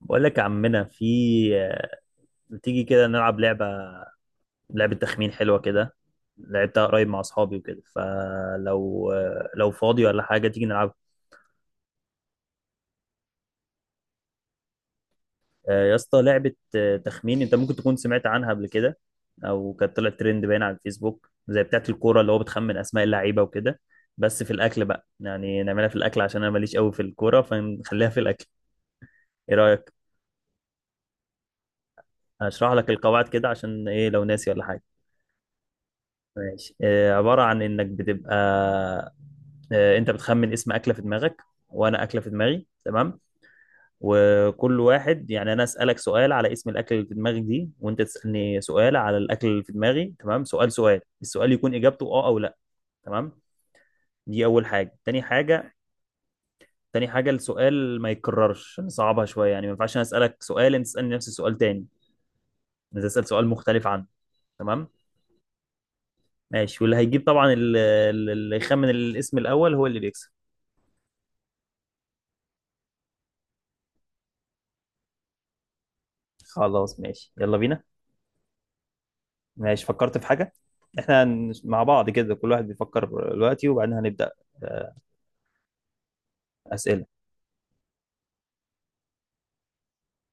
بقول لك يا عمنا، ما تيجي كده نلعب لعبة تخمين حلوة كده. لعبتها قريب مع أصحابي وكده، لو فاضي ولا حاجة تيجي نلعبها. يا اسطى، لعبة تخمين. أنت ممكن تكون سمعت عنها قبل كده، أو كانت طلعت ترند باين على الفيسبوك زي بتاعة الكورة اللي هو بتخمن أسماء اللعيبة وكده، بس في الأكل بقى، يعني نعملها في الأكل عشان أنا ماليش قوي في الكورة، فنخليها في الأكل. إيه رأيك؟ هشرح لك القواعد كده عشان إيه لو ناسي ولا حاجة. ماشي. عبارة عن إنك بتبقى، أنت بتخمن اسم أكلة في دماغك وأنا أكلة في دماغي. تمام. وكل واحد، يعني أنا أسألك سؤال على اسم الأكلة اللي في دماغك دي، وأنت تسألني سؤال على الأكل اللي في دماغي. تمام. سؤال. السؤال يكون إجابته أه أو لأ. تمام، دي أول حاجة. تاني حاجة، السؤال ما يتكررش، نصعبها شوية. يعني ما ينفعش أنا أسألك سؤال أنت تسألني نفس السؤال تاني، أنت تسأل سؤال مختلف عنه. تمام. ماشي. واللي هيجيب طبعا، اللي يخمن الاسم الأول هو اللي بيكسب. خلاص ماشي، يلا بينا. ماشي، فكرت في حاجة. احنا مع بعض كده كل واحد بيفكر دلوقتي، وبعدين هنبدأ. آه، أسئلة.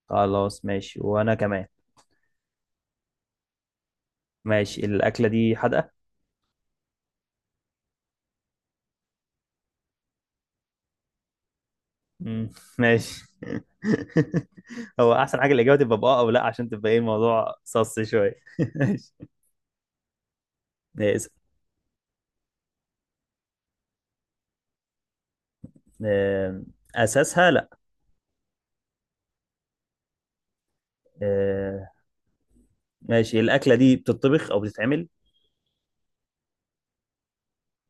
خلاص ماشي، وأنا كمان. ماشي. الأكلة دي حادقة؟ مم، ماشي. هو أحسن حاجة الإجابة تبقى بأه أو لأ عشان تبقى إيه الموضوع صص شوية. ماشي، اسأل. آم، أساسها لأ. آه، ماشي. الأكلة دي بتطبخ أو بتتعمل؟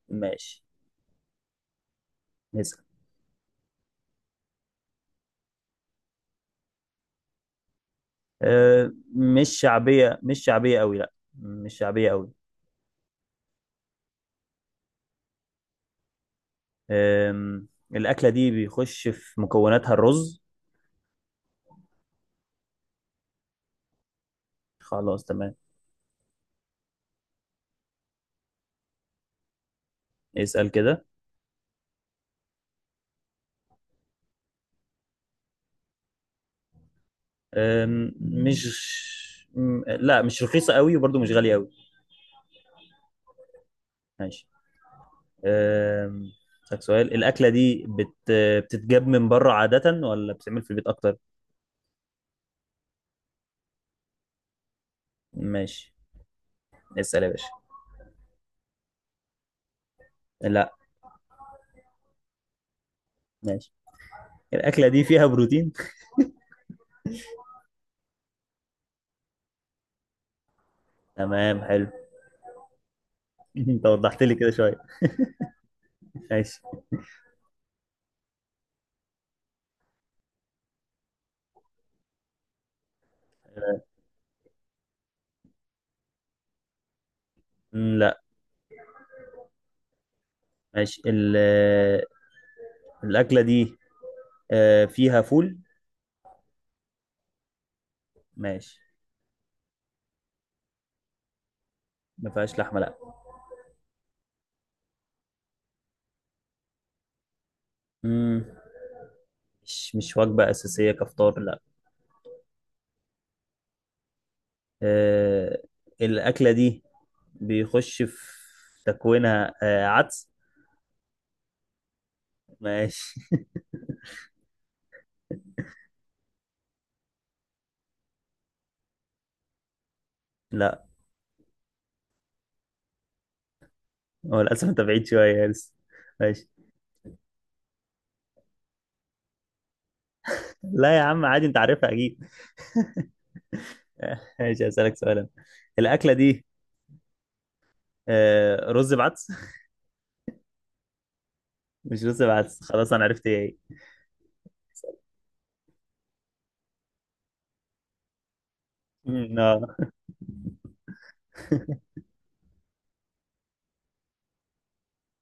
ماشي، اسأل. مش شعبية، مش شعبية أوي، لأ، مش شعبية أوي. أم، الأكلة دي بيخش في مكوناتها الرز؟ خلاص تمام. اسأل كده. أم، مش م- لا، مش رخيصة قوي وبرضو مش غالية قوي. ماشي. أم، أسألك سؤال. الأكلة دي بتتجاب من بره عادة، ولا بتتعمل في البيت أكتر؟ ماشي، اسأل يا باشا. لا. ماشي. الأكلة دي فيها بروتين؟ تمام، حلو. انت وضحت لي كده شوية. ماشي. لا. ماشي. ال... الأكلة دي فيها فول؟ ماشي. ما فيهاش لحمة لا. مم. مش وجبة أساسية كفطار لا. آه، الأكلة دي بيخش في تكوينها عدس؟ ماشي. لا، هو للأسف أنت بعيد شوية يا لسه. ماشي. لا يا عم عادي، أنت عارفها أكيد. ماشي، هسألك سؤالا. الأكلة دي رز بعدس؟ مش رز بعدس، خلاص، أنا عرفت إيه هي. مم، آه.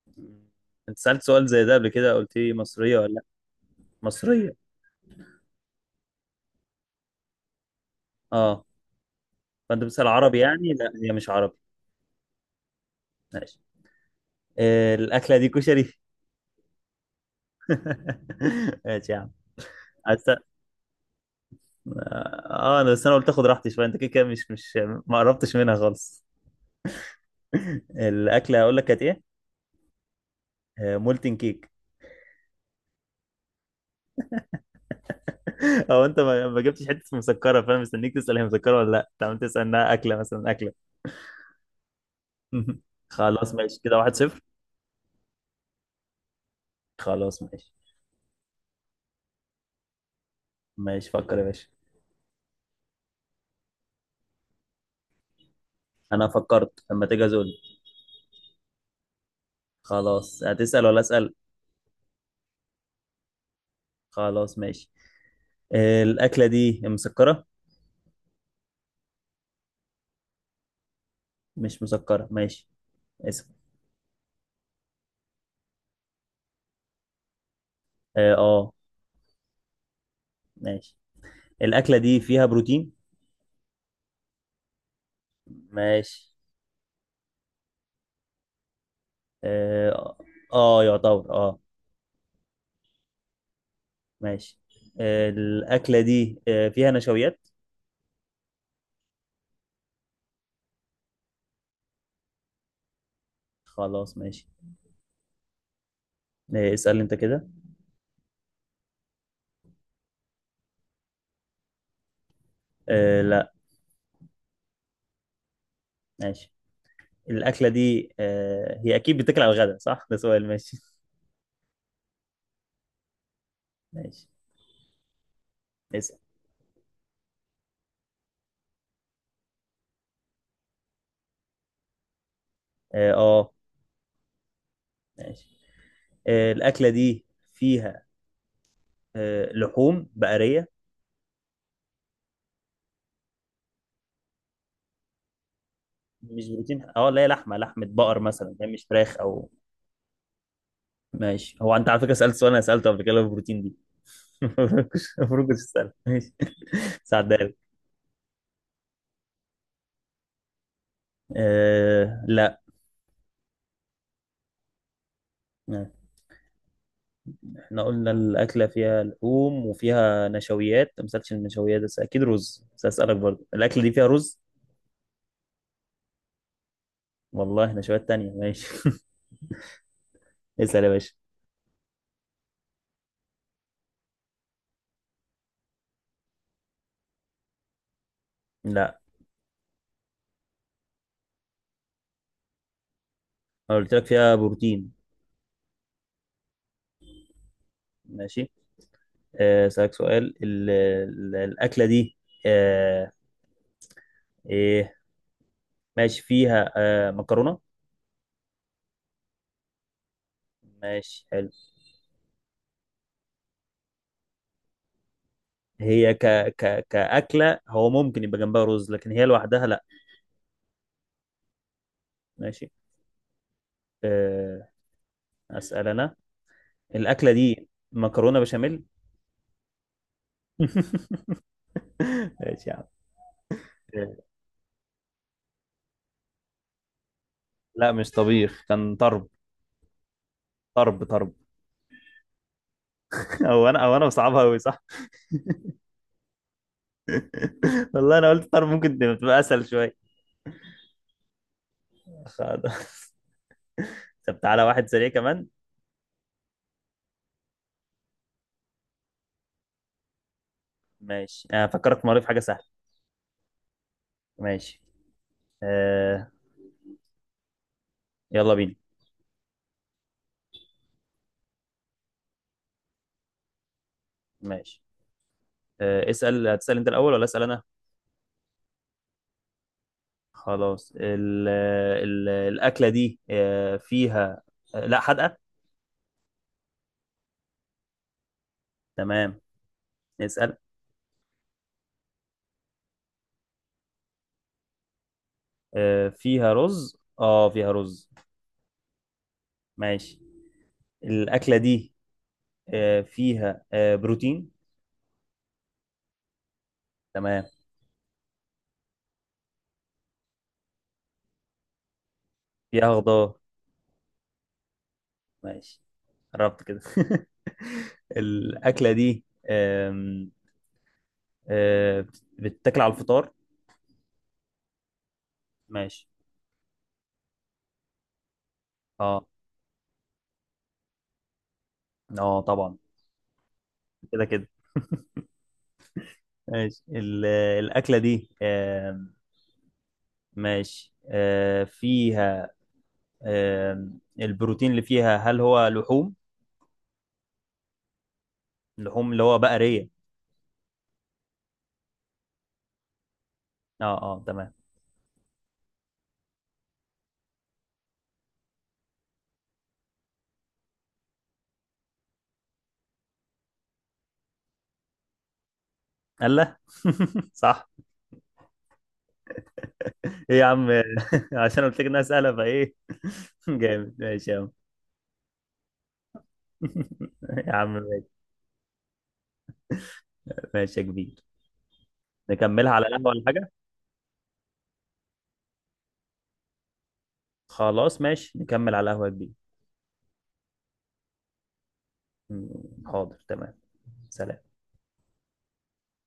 أنت سألت سؤال زي ده قبل كده، قلت لي مصرية ولا لا، مصرية. أه، فأنت بتسأل عربي يعني، لا هي مش عربي. ماشي. الأكلة دي كشري؟ ماشي يا عم. أست... اه، انا بس، انا قلت اخد راحتي شويه، انت كده كده مش ما قربتش منها خالص. الاكله هقول لك كانت ايه. مولتن كيك. او انت ما جبتش حته مسكره، فانا مستنيك تسال هي مسكره ولا لا، طب انت عم تسال انها اكله مثلا اكله. خلاص ماشي، كده 1-0. خلاص ماشي. ماشي، فكر يا باشا. انا فكرت، لما تيجي ازول. خلاص، هتسال ولا اسال؟ خلاص ماشي. الاكله دي مسكره؟ مش مسكره، ماشي. اسال. اه، ماشي. الأكلة دي فيها بروتين؟ ماشي. اه، يعتبر اه. ماشي. الأكلة دي فيها نشويات؟ خلاص ماشي. اسأل انت كده. لا. ماشي. الأكلة دي هي أكيد بتاكل على الغداء، صح؟ ده سؤال، ماشي. ماشي، اسأل. اه، ماشي. الأكلة دي فيها لحوم بقرية؟ مش بروتين اه، لا، هي لحمة، لحمة بقر مثلا، هي مش فراخ أو. ماشي. هو انت على فكره سالت سؤال انا سالته قبل كده، اللي هو البروتين دي. المفروض كنت تسال، ماشي. ساعدها لك. لا. احنا قلنا الاكله فيها لحوم وفيها نشويات، ما سالتش النشويات، بس اكيد رز، بس اسالك برضه الاكله دي فيها رز؟ والله نشويات تانية، ماشي. اسال يا باشا. لا، انا قلت لك فيها بروتين. ماشي. اسالك سؤال. الاكله دي، أه ايه، ماشي، فيها مكرونه؟ ماشي، حلو. هي كأكلة هو ممكن يبقى جنبها رز، لكن هي لوحدها لا. ماشي. أه... أسأل أنا. الأكلة دي مكرونة بشاميل؟ ماشي يا عم. إيه. لا، مش طبيخ، كان طرب. طرب طرب. أو أنا بصعبها أوي، صح؟ والله أنا قلت طرب ممكن تبقى أسهل شوية. خلاص. طب تعالى واحد سريع كمان. ماشي، أنا فكرت مرة في حاجة سهلة. ماشي. أه... يلا بينا. ماشي. اسأل، هتسأل أنت الأول ولا أسأل أنا؟ خلاص، ال ال الأكلة دي فيها لا حدقة؟ تمام، نسأل. فيها رز، اه، فيها رز. ماشي. الأكلة دي فيها بروتين؟ تمام. فيها خضار. ماشي. قربت كده. الأكلة دي، آم، بتتاكل على الفطار؟ ماشي. اه اه، طبعا. كده كده. ماشي. الأكلة دي، ماشي فيها البروتين اللي فيها هل هو لحوم؟ لحوم اللي هو بقرية؟ اه اه، تمام. الله. صح. ايه يا عم. عشان قلت لك انها سهلة، فايه؟ جامد، ماشي يا عم. يا عم ماشي. ماشي يا كبير. نكملها على القهوة ولا حاجة؟ خلاص ماشي، نكمل على القهوة يا كبير. حاضر تمام. سلام.